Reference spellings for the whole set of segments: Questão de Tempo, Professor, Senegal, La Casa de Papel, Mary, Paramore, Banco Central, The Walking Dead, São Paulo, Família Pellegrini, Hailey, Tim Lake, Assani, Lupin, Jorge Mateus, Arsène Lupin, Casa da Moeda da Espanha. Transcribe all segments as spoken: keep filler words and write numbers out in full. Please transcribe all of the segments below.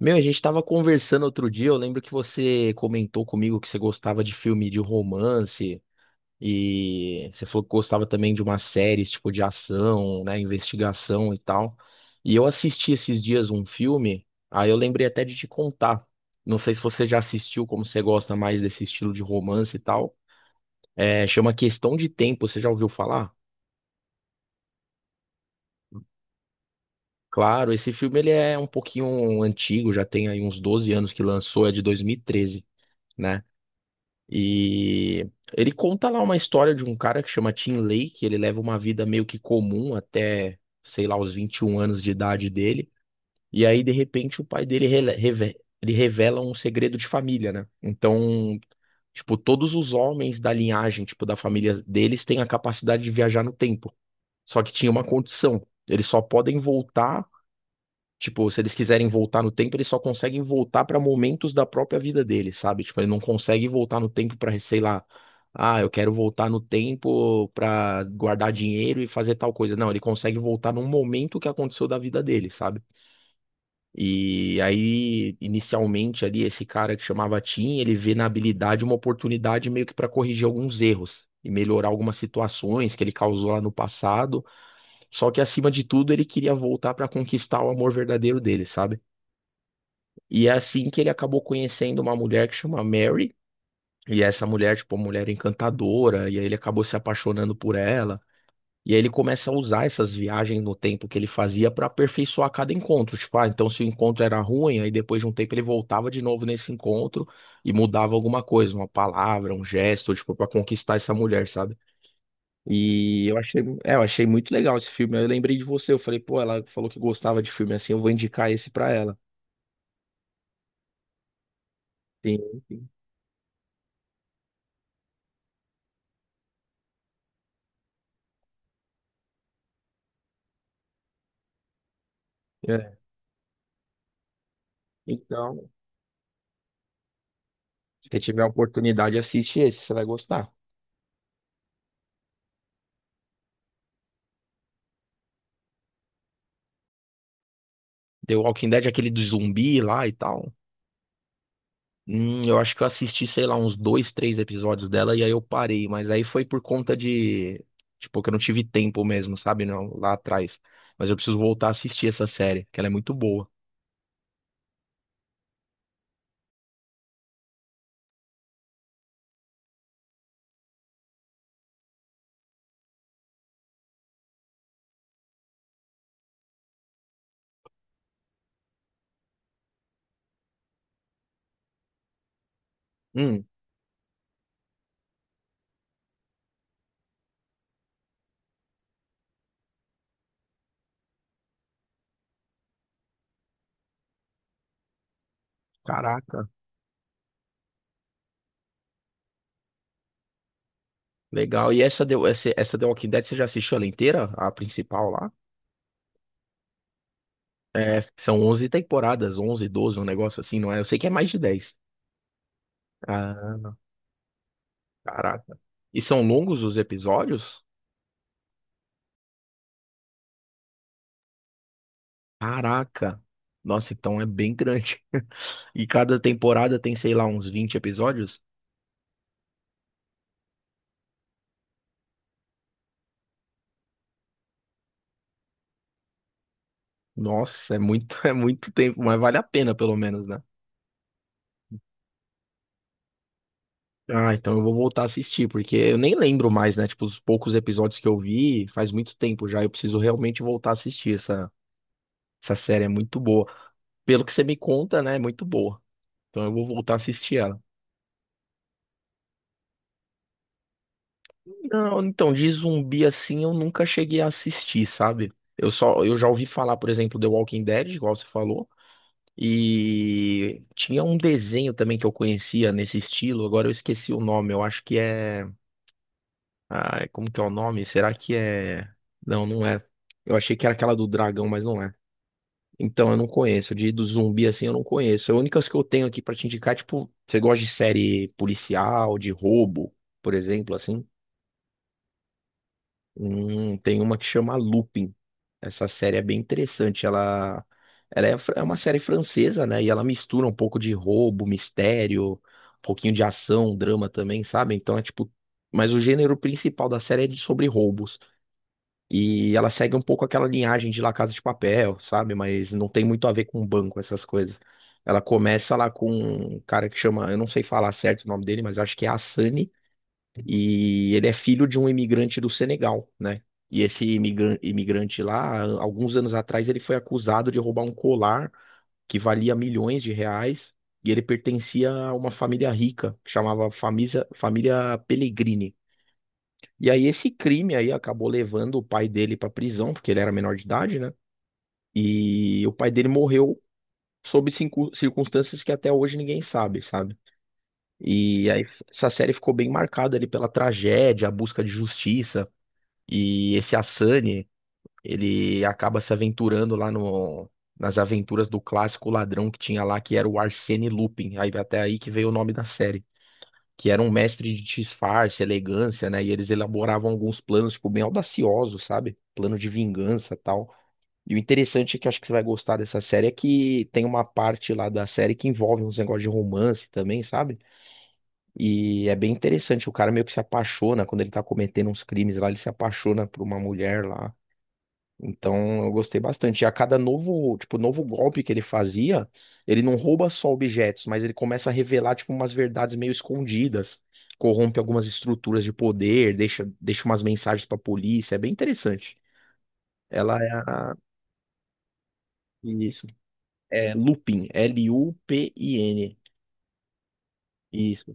Meu, a gente tava conversando outro dia, eu lembro que você comentou comigo que você gostava de filme de romance e você falou que gostava também de umas séries tipo de ação, né, investigação e tal. E eu assisti esses dias um filme, aí eu lembrei até de te contar. Não sei se você já assistiu, como você gosta mais desse estilo de romance e tal. É, chama Questão de Tempo, você já ouviu falar? Claro, esse filme ele é um pouquinho antigo, já tem aí uns doze anos que lançou, é de dois mil e treze, né? E ele conta lá uma história de um cara que chama Tim Lake, ele leva uma vida meio que comum até, sei lá, os vinte e um anos de idade dele. E aí, de repente, o pai dele rele- reve- ele revela um segredo de família, né? Então, tipo, todos os homens da linhagem, tipo, da família deles têm a capacidade de viajar no tempo. Só que tinha uma condição. Eles só podem voltar. Tipo, se eles quiserem voltar no tempo, eles só conseguem voltar pra momentos da própria vida deles, sabe? Tipo, ele não consegue voltar no tempo pra, sei lá, ah, eu quero voltar no tempo pra guardar dinheiro e fazer tal coisa. Não, ele consegue voltar num momento que aconteceu da vida dele, sabe? E aí, inicialmente ali, esse cara que chamava Tim, ele vê na habilidade uma oportunidade meio que para corrigir alguns erros e melhorar algumas situações que ele causou lá no passado. Só que, acima de tudo, ele queria voltar para conquistar o amor verdadeiro dele, sabe? E é assim que ele acabou conhecendo uma mulher que chama Mary. E essa mulher, tipo, uma mulher encantadora. E aí ele acabou se apaixonando por ela. E aí ele começa a usar essas viagens no tempo que ele fazia para aperfeiçoar cada encontro. Tipo, ah, então se o encontro era ruim, aí depois de um tempo ele voltava de novo nesse encontro e mudava alguma coisa, uma palavra, um gesto, tipo, para conquistar essa mulher, sabe? E eu achei, é, eu achei muito legal esse filme. Aí eu lembrei de você, eu falei, pô, ela falou que gostava de filme assim, eu vou indicar esse pra ela. Sim, sim. É. Então, se você tiver a oportunidade, assiste esse, você vai gostar. The Walking Dead, aquele do zumbi lá e tal. Hum, eu acho que eu assisti, sei lá, uns dois, três episódios dela e aí eu parei, mas aí foi por conta de, tipo, que eu não tive tempo mesmo, sabe, não, lá atrás. Mas eu preciso voltar a assistir essa série, que ela é muito boa. Hum, caraca, legal. E essa The, essa, essa The Walking Dead, você já assistiu ela inteira, a principal lá? É, são onze temporadas, onze doze um negócio assim, não é? Eu sei que é mais de dez. Ah, caraca. E são longos os episódios? Caraca! Nossa, então é bem grande. E cada temporada tem, sei lá, uns vinte episódios? Nossa, é muito, é muito tempo, mas vale a pena, pelo menos, né? Ah, então eu vou voltar a assistir, porque eu nem lembro mais, né? Tipo, os poucos episódios que eu vi faz muito tempo já. Eu preciso realmente voltar a assistir essa, essa série, é muito boa. Pelo que você me conta, né? É muito boa. Então eu vou voltar a assistir ela. Não, então, de zumbi assim eu nunca cheguei a assistir, sabe? Eu só, eu já ouvi falar, por exemplo, The Walking Dead, igual você falou. E tinha um desenho também que eu conhecia nesse estilo, agora eu esqueci o nome, eu acho que é... Ah, como que é o nome? Será que é... Não, não é. Eu achei que era aquela do dragão, mas não é. Então eu não conheço. De do zumbi assim eu não conheço. A única que eu tenho aqui pra te indicar, tipo, você gosta de série policial, de roubo, por exemplo, assim? Hum, tem uma que chama Lupin. Essa série é bem interessante. Ela, ela é, fr- é uma série francesa, né? E ela mistura um pouco de roubo, mistério, um pouquinho de ação, drama também, sabe? Então é tipo... Mas o gênero principal da série é de sobre roubos. E ela segue um pouco aquela linhagem de La Casa de Papel, sabe? Mas não tem muito a ver com banco, essas coisas. Ela começa lá com um cara que chama... Eu não sei falar certo o nome dele, mas acho que é Assani. E ele é filho de um imigrante do Senegal, né? E esse imigra- imigrante lá, alguns anos atrás, ele foi acusado de roubar um colar que valia milhões de reais. E ele pertencia a uma família rica, que chamava Família, Família Pellegrini. E aí esse crime aí acabou levando o pai dele para prisão, porque ele era menor de idade, né? E o pai dele morreu sob cincu- circunstâncias que até hoje ninguém sabe, sabe? E aí essa série ficou bem marcada ali pela tragédia, a busca de justiça. E esse Asani, ele acaba se aventurando lá no, nas aventuras do clássico ladrão que tinha lá, que era o Arsène Lupin. Aí até aí que veio o nome da série. Que era um mestre de disfarce, elegância, né? E eles elaboravam alguns planos, tipo, bem audaciosos, sabe? Plano de vingança, tal. E o interessante é que eu acho que você vai gostar dessa série é que tem uma parte lá da série que envolve uns negócios de romance também, sabe? E é bem interessante. O cara meio que se apaixona quando ele tá cometendo uns crimes lá, ele se apaixona por uma mulher lá. Então eu gostei bastante. E a cada novo, tipo, novo golpe que ele fazia, ele não rouba só objetos, mas ele começa a revelar, tipo, umas verdades meio escondidas. Corrompe algumas estruturas de poder, deixa, deixa umas mensagens pra polícia. É bem interessante. Ela é a... Isso. É Lupin. L-U-P-I-N. Isso.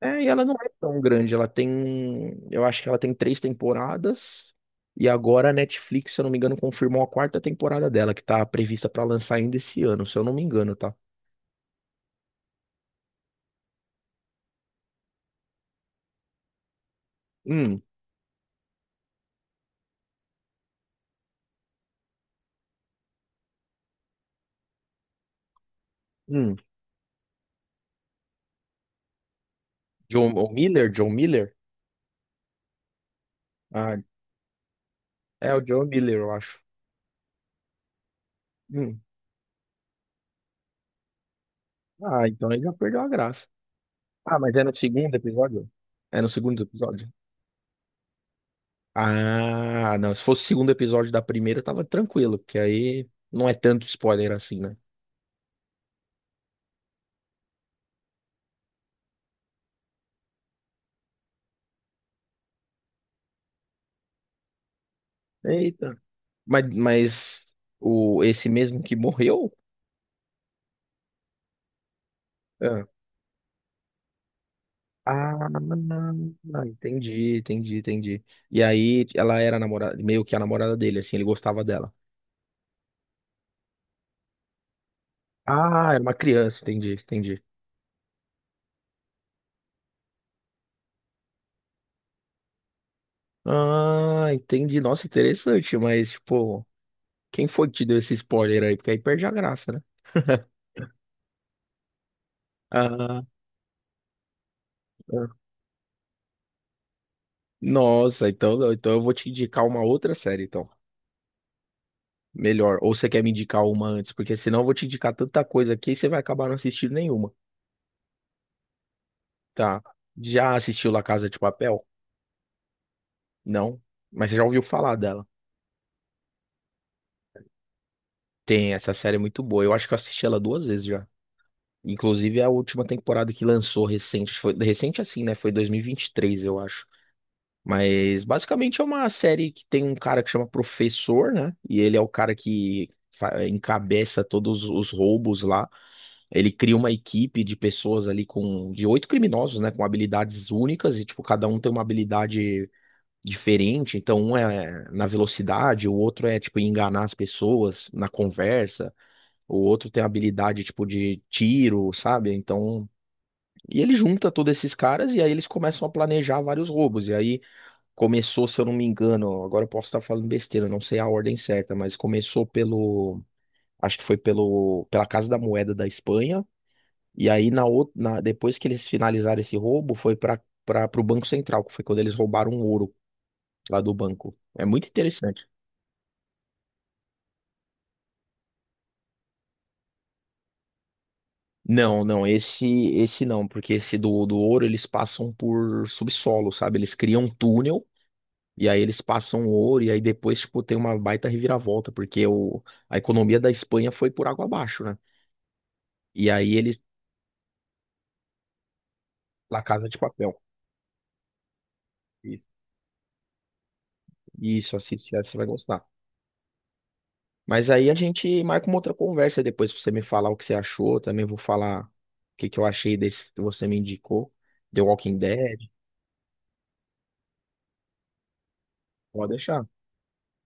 É, e ela não é tão grande, ela tem, eu acho que ela tem três temporadas, e agora a Netflix, se eu não me engano, confirmou a quarta temporada dela, que tá prevista pra lançar ainda esse ano, se eu não me engano, tá? Hum, hum. John o Miller? John Miller? Ah, é o John Miller, eu acho. Hum. Ah, então ele já perdeu a graça. Ah, mas é no segundo episódio? É no segundo episódio? Ah, não, se fosse o segundo episódio da primeira, tava tranquilo, porque aí não é tanto spoiler assim, né? Eita. Mas, mas o, esse mesmo que morreu? Ah, ah, entendi, entendi, entendi. E aí ela era a namorada, meio que a namorada dele, assim, ele gostava dela. Ah, era uma criança, entendi, entendi. Ah, entendi. Nossa, interessante, mas, tipo, quem foi que te deu esse spoiler aí? Porque aí perde a graça, né? Ah, ah. Nossa, então, então eu vou te indicar uma outra série, então. Melhor. Ou você quer me indicar uma antes? Porque senão eu vou te indicar tanta coisa aqui e você vai acabar não assistindo nenhuma. Tá. Já assistiu La Casa de Papel? Não. Mas já ouviu falar dela? Tem, essa série é muito boa. Eu acho que eu assisti ela duas vezes já. Inclusive é a última temporada que lançou recente. Foi recente assim, né? Foi dois mil e vinte e três, eu acho. Mas basicamente é uma série que tem um cara que chama Professor, né? E ele é o cara que fa- encabeça todos os roubos lá. Ele cria uma equipe de pessoas ali com de oito criminosos, né, com habilidades únicas e tipo cada um tem uma habilidade diferente. Então, um é na velocidade, o outro é, tipo, em enganar as pessoas na conversa, o outro tem habilidade, tipo, de tiro, sabe? Então... E ele junta todos esses caras e aí eles começam a planejar vários roubos. E aí começou, se eu não me engano, agora eu posso estar falando besteira, não sei a ordem certa, mas começou pelo... Acho que foi pelo, pela Casa da Moeda da Espanha. E aí, na, ou- na, depois que eles finalizaram esse roubo, foi para para o Banco Central, que foi quando eles roubaram o ouro lá do banco. É muito interessante. Não, não, esse esse não, porque esse do, do ouro eles passam por subsolo, sabe? Eles criam um túnel e aí eles passam o ouro e aí depois, tipo, tem uma baita reviravolta, porque o, a economia da Espanha foi por água abaixo, né? E aí eles... La Casa de Papel. Isso. Isso, assiste, essa, você vai gostar. Mas aí a gente marca uma outra conversa depois pra você me falar o que você achou, também vou falar o que que eu achei desse que você me indicou, The Walking Dead, pode deixar.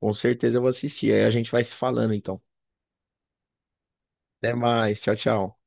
Com certeza eu vou assistir, aí a gente vai se falando então. Até mais. Tchau, tchau.